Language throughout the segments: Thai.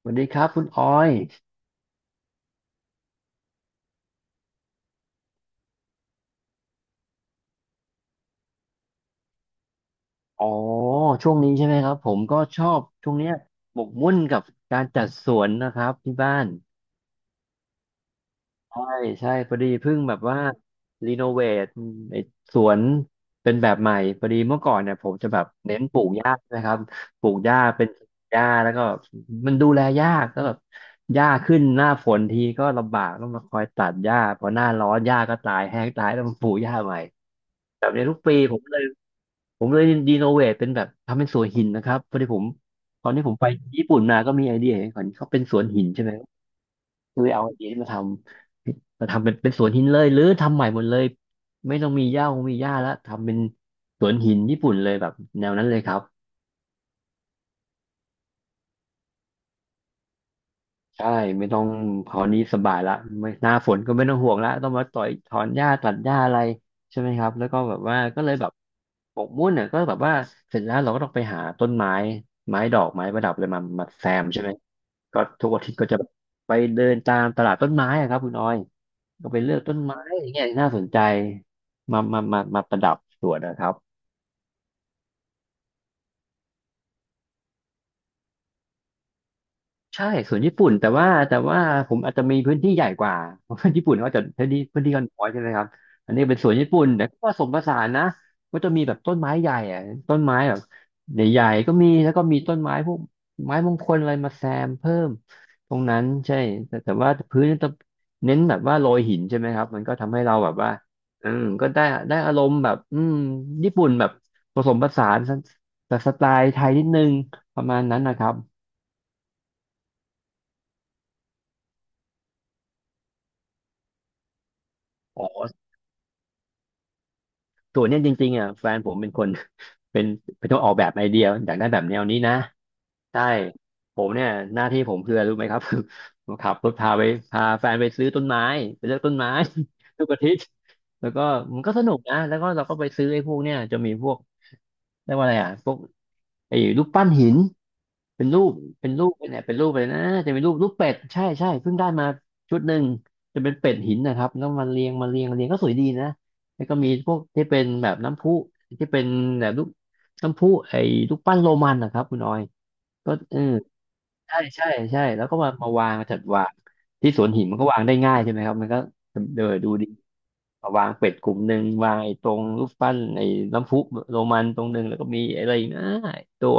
สวัสดีครับคุณออย อ๋อช่วงนี้ใช่ไหมครับผมก็ชอบช่วงเนี้ยหมกมุ่นกับการจัดสวนนะครับที่บ้าน ใช่พอดีเพิ่งแบบว่ารีโนเวทไอ้สวนเป็นแบบใหม่พอดีเมื่อก่อนเนี่ยผมจะแบบเน้นปลูกหญ้านะครับปลูกหญ้าเป็นหญ้าแล้วก็มันดูแลยากก็แบบหญ้าขึ้นหน้าฝนทีก็ลำบากต้องมาคอยตัดหญ้าพอหน้าร้อนหญ้าก็ตายแห้งตายต้องมาปลูกหญ้าใหม่แบบเนี้ยทุกปีผมเลยรีโนเวทเป็นแบบทำเป็นสวนหินนะครับพอดีผมตอนที่ผมไปญี่ปุ่นมาก็มีไอเดียเห็นเขาเป็นสวนหินใช่ไหม คือเอาไอเดียที่มาทำเป็นสวนหินเลยหรือทำใหม่หมดเลยไม่ต้องมีหญ้าคงมีหญ้าแล้วทำเป็นสวนหินญี่ปุ่นเลยแบบแนวนั้นเลยครับ ใช่ไม่ต้องคราวนี้สบายละไม่หน้าฝนก็ไม่ต้องห่วงละต้องมาต่อยถอนหญ้าตัดหญ้าอะไรใช่ไหมครับแล้วก็แบบว่าก็เลยแบบหมกมุ่นเนี่ยก็แบบว่าเสร็จแล้วเราก็ต้องไปหาต้นไม้ไม้ดอกไม้ประดับอะไรมามาแซมใช่ไหมก็ทุกอาทิตย์ก็จะไปเดินตามตลาดต้นไม้อะครับคุณออยก็ไปเลือกต้นไม้อย่างเงี้ยน่าสนใจมามามามาประดับสวนนะครับ ใช่ส่วนญี่ปุ่นแต่ว่าผมอาจจะมีพื้นที่ใหญ่กว่า เพราะว่าญี่ปุ่นเขาจะพื้นที่กันน้อยใช่ไหมครับอันนี้เป็นสวนญี่ปุ่นแต่ก็ผสมผสานนะก็จะมีแบบต้นไม้ใหญ่อะต้นไม้แบบใหญ่ๆก็มีแล้วก็มีต้นไม้พวกไม้มงคลอะไรมาแซมเพิ่มตรงนั้นใช่แต่ว่าพื้นจะเน้นแบบว่าโรยหินใช่ไหมครับมันก็ทำให้เราแบบว่าอืมก็ได้อารมณ์แบบอืมญี่ปุ่นแบบผสมผสานแต่สไตล์ไทยนิดนึงประมาณนั้นนะครับอ๋อ ส่วนเนี้ยจริงๆอ่ะแฟนผมเป็นคน เป็นเป็นคนออกแบบไอเดียอยากได้แบบแนวนี้นะใช่ผมเนี่ยหน้าที่ผมคืออะไรรู้ไหมครับ คือ ขับรถพาไปพาแฟนไปซื้อต้นไม้ไปเลือกต้นไม้ ทุกอาทิตย์แล้วก็มันก็สนุกนะแล้วก็เราก็ไปซื้อไอ้พวกเนี่ยจะมีพวกเรียกว่าอะไรอ่ะพวกไอ้รูปปั้นหิน เป็นรูปเป็นรูปเนี่ยเป็นรูปเลยนะจะเป็นรูปเป็ดใช่ใช่เพิ่งได้มาชุดหนึ่งจะเป็นเป็ดหินนะครับแล้วมันเรียงมาเรียงเรียงก็สวยดีนะแล้วก็มีพวกที่เป็นแบบน้ำพุที่เป็นแบบรูปน้ำพุไอ้รูปปั้นโรมันนะครับคุณออยก็เออ ใช่ใช่ใช่แล้วก็มามาวางจัดวางที่สวนหินมันก็วางได้ง่ายใช่ไหมครับมันก็เดินดูดีมาวางเป็ดกลุ่มหนึ่งวางไอ้ตรงรูปปั้นไอ้น้ำพุโรมันตรงหนึ่งแล้วก็มีอะไรอีกนะไอ้ตัว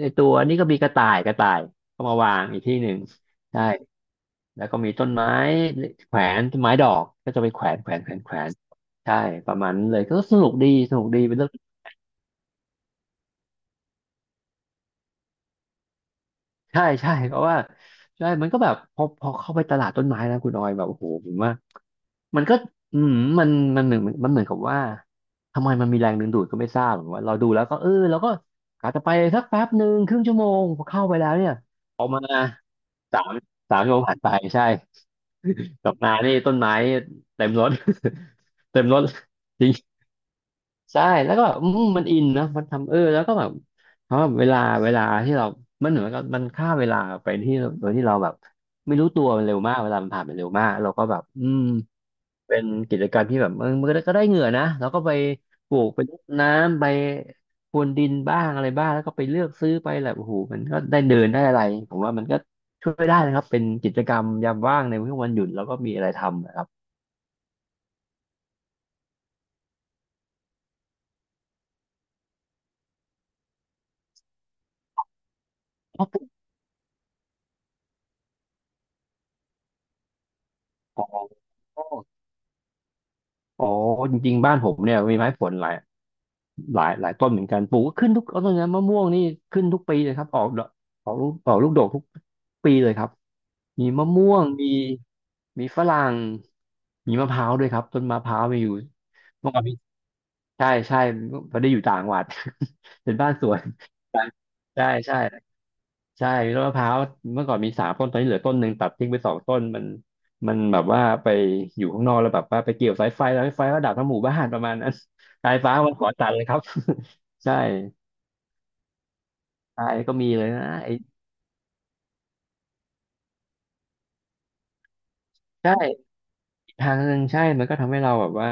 ไอ้ตัวนี่ก็มีกระต่ายกระต่ายก็มาวางอีกที่หนึ่งใช่แล้วก็มีต้นไม้แขวนต้นไม้ดอกก็จะไปแขวนแขวนแขวนแขวนใช่ประมาณนั้นเลยก็สนุกดีสนุกดีเป็นเรื่อง ใช่ใช่เพราะว่าใช่มันก็แบบพอเข้าไปตลาดต้นไม้นะคุณออยแบบโอ้โหผมว่ามันก็อืมมันมันเหมือนกับว่าทำไมมันมีแรงดึงดูดก็ไม่ทราบเหมือนว่าเราดูแล้วก็เออเราก็กะจะไปสักแป๊บหนึ่งครึ่งชั่วโมงพอเข้าไปแล้วเนี่ยออกมาสามสามชั่วโมงผ่านไปใช่ กลับมานี่ต้นไม้เต็มรถ เต็มรถ ใช่แล้วก็แบบอืมมันอินนะมันทำเออแล้วก็แบบเพราะว่าเวลาที่เรามันเหมือนกับมันฆ่าเวลาไปที่โดยที่เราแบบไม่รู้ตัวมันเร็วมาก เวลามันผ่านไปเร็วมากเราก็แบบอืมเป็นกิจกรรมที่แบบมันก็ได้เหงื่อนะแล้วก็ไปปลูกไปรดน้ำไปพรวนดินบ้างอะไรบ้างแล้วก็ไปเลือกซื้อไปแหละโอ้โหมันก็ได้เดินได้อะไรผมว่ามันก็ช่วยได้นะครับเป็นกิจกรรมยามว่างในช่วงวันหยุดแล้วก็มีอะไรทำนะครับพ่อปลูกของอ๋อจริงๆบ้านผมเนี่ยมีไม้ผลหลาย หลายต้นเหมือนกันปลูกก็ขึ้นทุกต้นนะมะม่วงนี่ขึ้นทุกปีเลยครับออกดอกออกลูกดกทุกปีเลยครับ มีมะม่วงมีฝรั่งมีมะพร้าวด้วยครับต้นมะพร้าวมีอยู่เมื่อก่อนมีใช่ใช่พอได้อยู่ต่างจังหวัด เป็นบ้านสวนใช่ใช่ใช่ ใช่ต้นมะพร้าวเมื่อก่อนมี3 ต้นตอนนี้เหลือต้นหนึ่งตัดทิ้งไป2 ต้นมันแบบว่าไปอยู่ข้างนอกแล้วแบบว่าไปเกี่ยวสายไฟแล้วสายไฟก็ดับทั้งหมู่บ้านประมาณนั้นสายฟ้ามันขอตัดเลยครับ ใช่ตายก็มีเลยนะไอ้ใช่อีกทางหนึ่งใช่มันก็ทำให้เราแบบว่า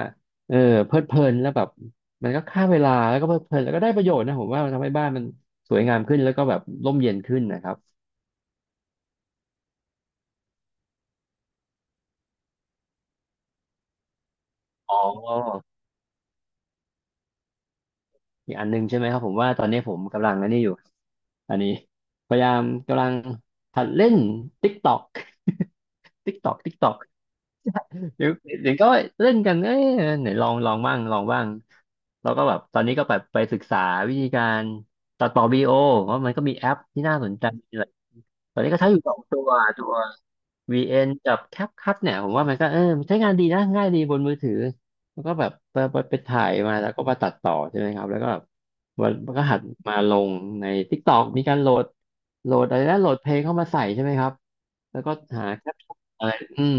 เออเพลิดเพลินแล้วแบบมันก็ฆ่าเวลาแล้วก็เพลิดเพลินแล้วก็ได้ประโยชน์นะผมว่ามันทำให้บ้านมันสวยงามขึ้นแล้วก็แบบร่มเย็นขึ้นนะครับอ๋อ อีกอันหนึงใช่ไหมครับผมว่าตอนนี้ผมกำลังอันนี้อยู่อันนี้พยายามกำลังหัดเล่น TikTok TikTok TikTok เดี๋ยวเดี๋ยวก็เล่นกันเอ้ยไหนลองลองบ้างลองบ้างแล้วก็แบบตอนนี้ก็แบบไปศึกษาวิธีการตัดต่อวิดีโอเพราะมันก็มีแอปที่น่าสนใจหลายตอนนี้ก็ใช้อยู่สองตัว VN กับแคปคั t เนี่ยผมว่ามันก็มันใช้งานดีนะง่ายดีบนมือถือแล้วก็แบบไปถ่ายมาแล้วก็มาตัดต่อใช่ไหมครับแล้วก็มันก็หัดมาลงใน TikTok มีการโหลดอะไรนะโหลดเพลงเข้ามาใส่ใช่ไหมครับแล้วก็หาแคปชั่นอะไรอืม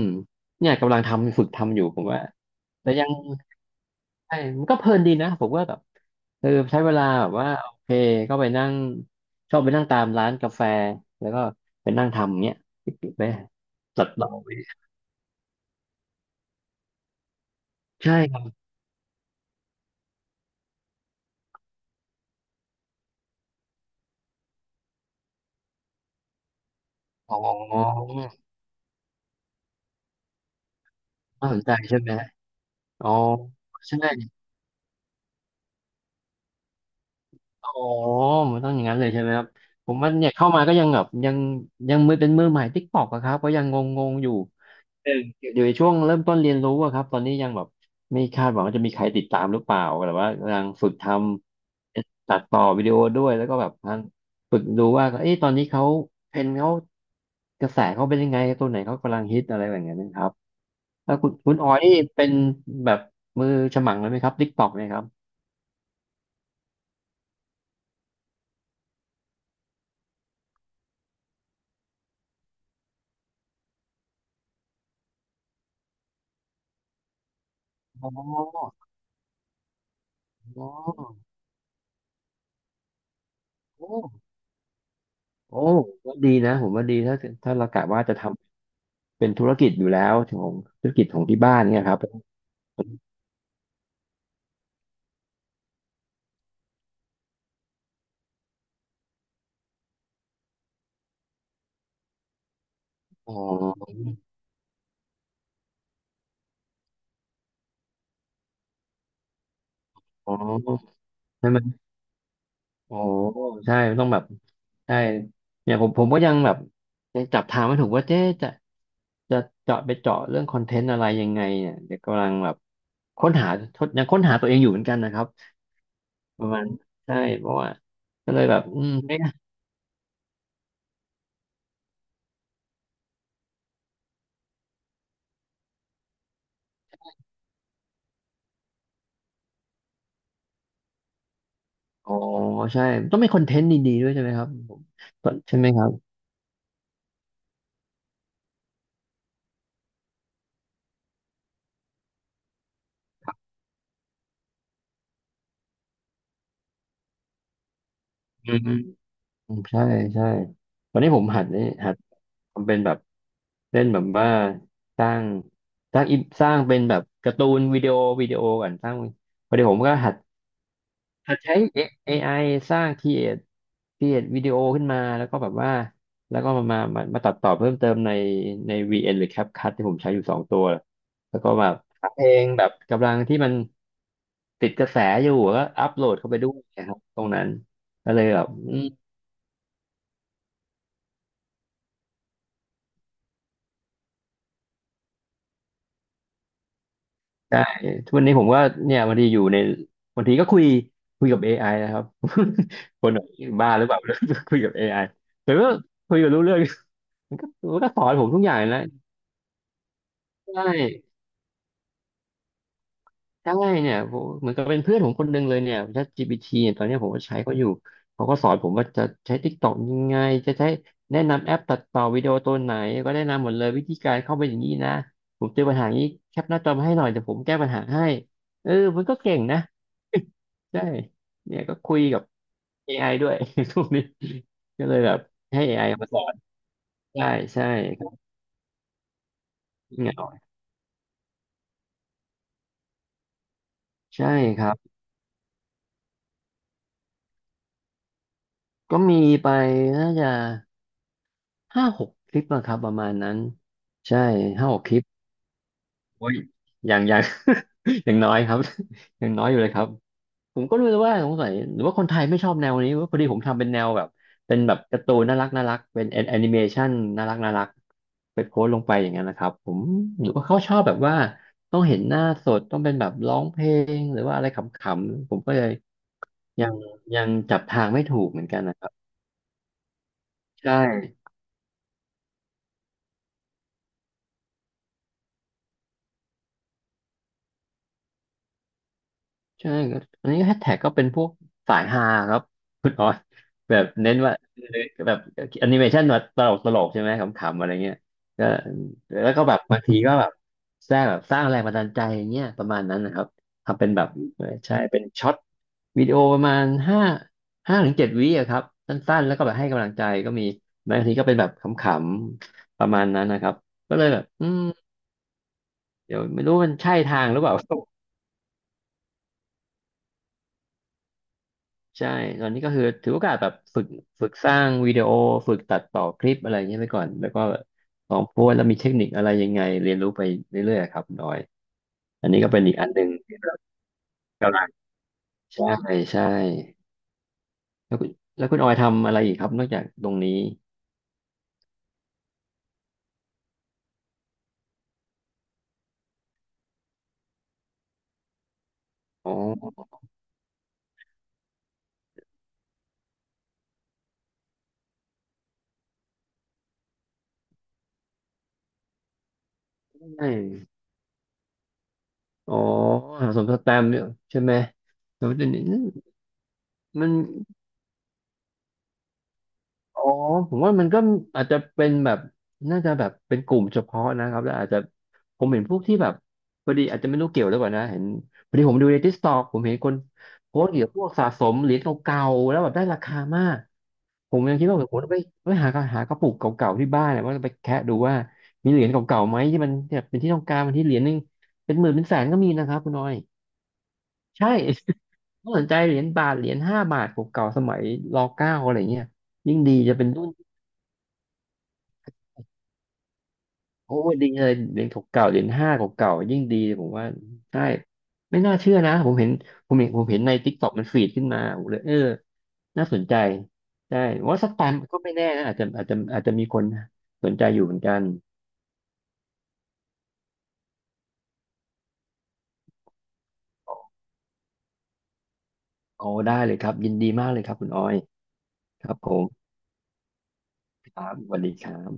เนี่ยกำลังทำฝึกทำอยู่ผมว่าแต่ยัง ใช่มันก็เพลินดีนะ ผมว่าแบบใช้เวลาแบบว่าโอเคก็ไปนั่งชอบไปนั่งตามร้านกาแฟ แล้วก็ไปนั่งทำเนี้ยปิดๆไปจัดเราไปใช่ครับ อ๋อน่าสนใจใช่ไหมอ๋อใช่อ๋อ มันต้องอย่างนั้นเลยใช่ไหมครับ ผมว่าเนี่ยเข้ามาก็ยังแบบยังมือเป็นมือใหม่ติ๊กตอกอะครับก็ยังงงๆอยู่ เอออยู่ในช่วงเริ่มต้นเรียนรู้อะครับตอนนี้ยังแบบไม่คาดหวังว่าจะมีใครติดตามหรือเปล่าแต่ว่ากำลังฝึกทำตัดต่อวิดีโอด้วยแล้วก็แบบฝึกดูว่าเอ้ยตอนนี้เขาเทรนด์เขากระแสเขาเป็นยังไงตัวไหนเขากำลังฮิตอะไรแบบนี้นะครับแล้วคุณออยนี่เป็นแบบมือฉมังเลยไหมครับติ๊กต็อกเนี่ยครับอ๋ออ๋อโอ้โอ้วดีนะผมว่าดีถ้าเรากะว่าจะทำเป็นธุรกิจอยู่แล้วของธุรกิจของที่บ้านเนี่ยครับอ๋อ อ๋อใช่ไหมโอ้ใช่ต้องแบบใช่เนี่ยผมก็ยังแบบยังจับทางไม่ถูกว่าเจ๊จะจะเจาะไปเจาะเรื่องคอนเทนต์อะไรยังไงเนี่ยเดี๋ยวกำลังแบบค้นหาทดยังค้นหาตัวเองอยู่เหมือนกันนะครับประมาณใช่เพราะว่าก็เลยแบบอืมไม่อ๋อใช่ต้องมีคอนเทนต์ดีๆด้วยใช่ไหมครับผมใช่ไหมครับอืม อืมใช่ใช่วันนี้ผมหัดนี่หัดทำเป็นแบบเล่นแบบว่าสร้างสร้างอินสร้างเป็นแบบการ์ตูนวิดีโอก่อนสร้างพอดีผมก็หัดใช้ A- ไ i สร้างครีเอทวิดีโอขึ้นมาแล้วก็แบบว่าแล้วก็มาตัดต่อเพิ่มเติมในใน VN หรือ CapCut ที่ผมใช้อยู่2 ตัวแล้วก็แบบหาเพลงแบบกำลังที่มันติดกระแสอยู่ก็อัปโหลดเข้าไปด้วยนะครับตรงนั้นก็เลยแบบ ใช่ทุกวันนี้ผมก็เนี่ยบางทีอยู่ในบางทีก็คุยกับ AI นะครับ คนแบบบ้าหรือเปล่า คุยกับ AI แต่ว่าคุยกับรู้เรื่อง มันก็สอนผมทุกอย่างนะใช่ ได้เนี่ยผมเหมือนกับเป็นเพื่อนผมคนหนึ่งเลยเนี่ย ChatGPT เนี่ยตอนเนี้ยผมก็ใช้เขาอยู่เขาก็สอนผมว่าจะใช้ TikTok ยังไงจะใช้แนะนำแอปตัดต่อวิดีโอตัวไหนก็แนะนำหมดเลยวิธีการเข้าไปอย่างนี้นะผมเจอปัญหานี้แคปหน้าจอมาให้หน่อยเดี๋ยวผมแก้ปัญหาให้เออมันก็เก่งนะ ใช่เนี่ยก็คุยกับ AI ด้วย ทุกนี้ก็เลยแบบให้ AI มาสอนใช่ใช่ครับเหงาใช่ครับก็มีไปน่าจะ ห้าหกคลิปอะครับประมาณนั้นใช่ห้าหกคลิปโอ้ยอย่าง อย่างน้อยครับ อย่างน้อยอยู่เลยครับผมก็ไม่รู้ว่าสงสัยหรือว่าคนไทยไม่ชอบแนวนี้ว่าพอดีผมทำเป็นแนวแบบเป็นแบบการ์ตูนน่ารักน่ารักเป็นแอนิเมชันน่ารักน่ารักไปโพสต์ลงไปอย่างนั้นนะครับผมหรือว่าเขาชอบแบบว่าต้องเห็นหน้าสดต้องเป็นแบบร้องเพลงหรือว่าอะไรขำๆผมก็เลยยังยังจับทางไม่ถูกเหมือนกันนะครับใช่ ใช่ครับอันนี้แฮชแท็กก็เป็นพวกสายฮาครับคุณออยแบบเน้นว่าแบบแอนิเมชันแบบตลกตลกใช่ไหมขำๆอะไรเงี้ยก็แล้วก็แบบบางทีก็แบบสร้างแบบสร้างแรงบันดาลใจอย่างเงี้ยประมาณนั้นนะครับทำเป็นแบบเออใช่เป็นช็อตวิดีโอประมาณห้าถึงเจ็ดวิอะครับสั้นๆแล้วก็แบบให้กำลังใจก็มีบางทีก็เป็นแบบขำๆประมาณนั้นนะครับก็เลยแบบเดี๋ยวไม่รู้มันใช่ทางหรือเปล่า ใช่ตอนนี้ก็คือถือโอกาสแบบฝึกสร้างวิดีโอฝึกตัดต่อคลิปอะไรเงี้ยไปก่อนแล้วก็ลองโพสต์แล้วมีเทคนิคอะไรยังไงเรียนรู้ไปเรื่อยๆครับคุณออยอันนี้ก็เป็นอีกอันหนึ่งกำลังใช่ใช่แล้วคุณแล้วคุณออยทำอะไรอีกครับนอกจากตรงนี้อ๋อใช่อ๋อสมสแตมป์เนี่ยใช่ไหมสมสแตมป์นี่มัน อ๋อผมว่ามันก็อาจจะเป็นแบบน่าจะแบบเป็นกลุ่มเฉพาะนะครับแล้วอาจจะผมเห็นพวกที่แบบพอดีอาจจะไม่รู้เกี่ยวหรือเปล่านะเห็นพอดีผมดูในทิกตอกผมเห็นคนโพสต์เกี่ยวกับพวกสะสมเหรียญเก่าๆแล้วแบบได้ราคามากผมยังคิดว่าผมต้องไปหากระปุกเก่าๆที่บ้านนะว่าจะไปแคะดูว่ามีเหรียญเก่าๆไหมที่มันแบบเป็นที่ต้องการมันที่เหรียญหนึงเป็นหมื่นเป็นแสนก็มีนะครับคุณน้อยใช่ ถ้าสนใจเหรียญบาทเหรียญ 5 บาทเก่าๆสมัยรเก้าอะไรเงี้ยยิ่งดีจะเป็นรุ่น โอ้ดีเลยเหรียญเก่าๆเหรียญห้าเก่าๆยิ่งดีเลยผมว่าใช่ไม่น่าเชื่อนะผมเห็นในทิกตอกมันฟีดขึ้นมาผมเลยเออน่าสนใจใช่ว่าสักตามก็ไม่แน่นะอาจจะมีคนสนใจอยู่เหมือนกันโอ้ได้เลยครับยินดีมากเลยครับคุณออยครับผมครับสวัสดีครับ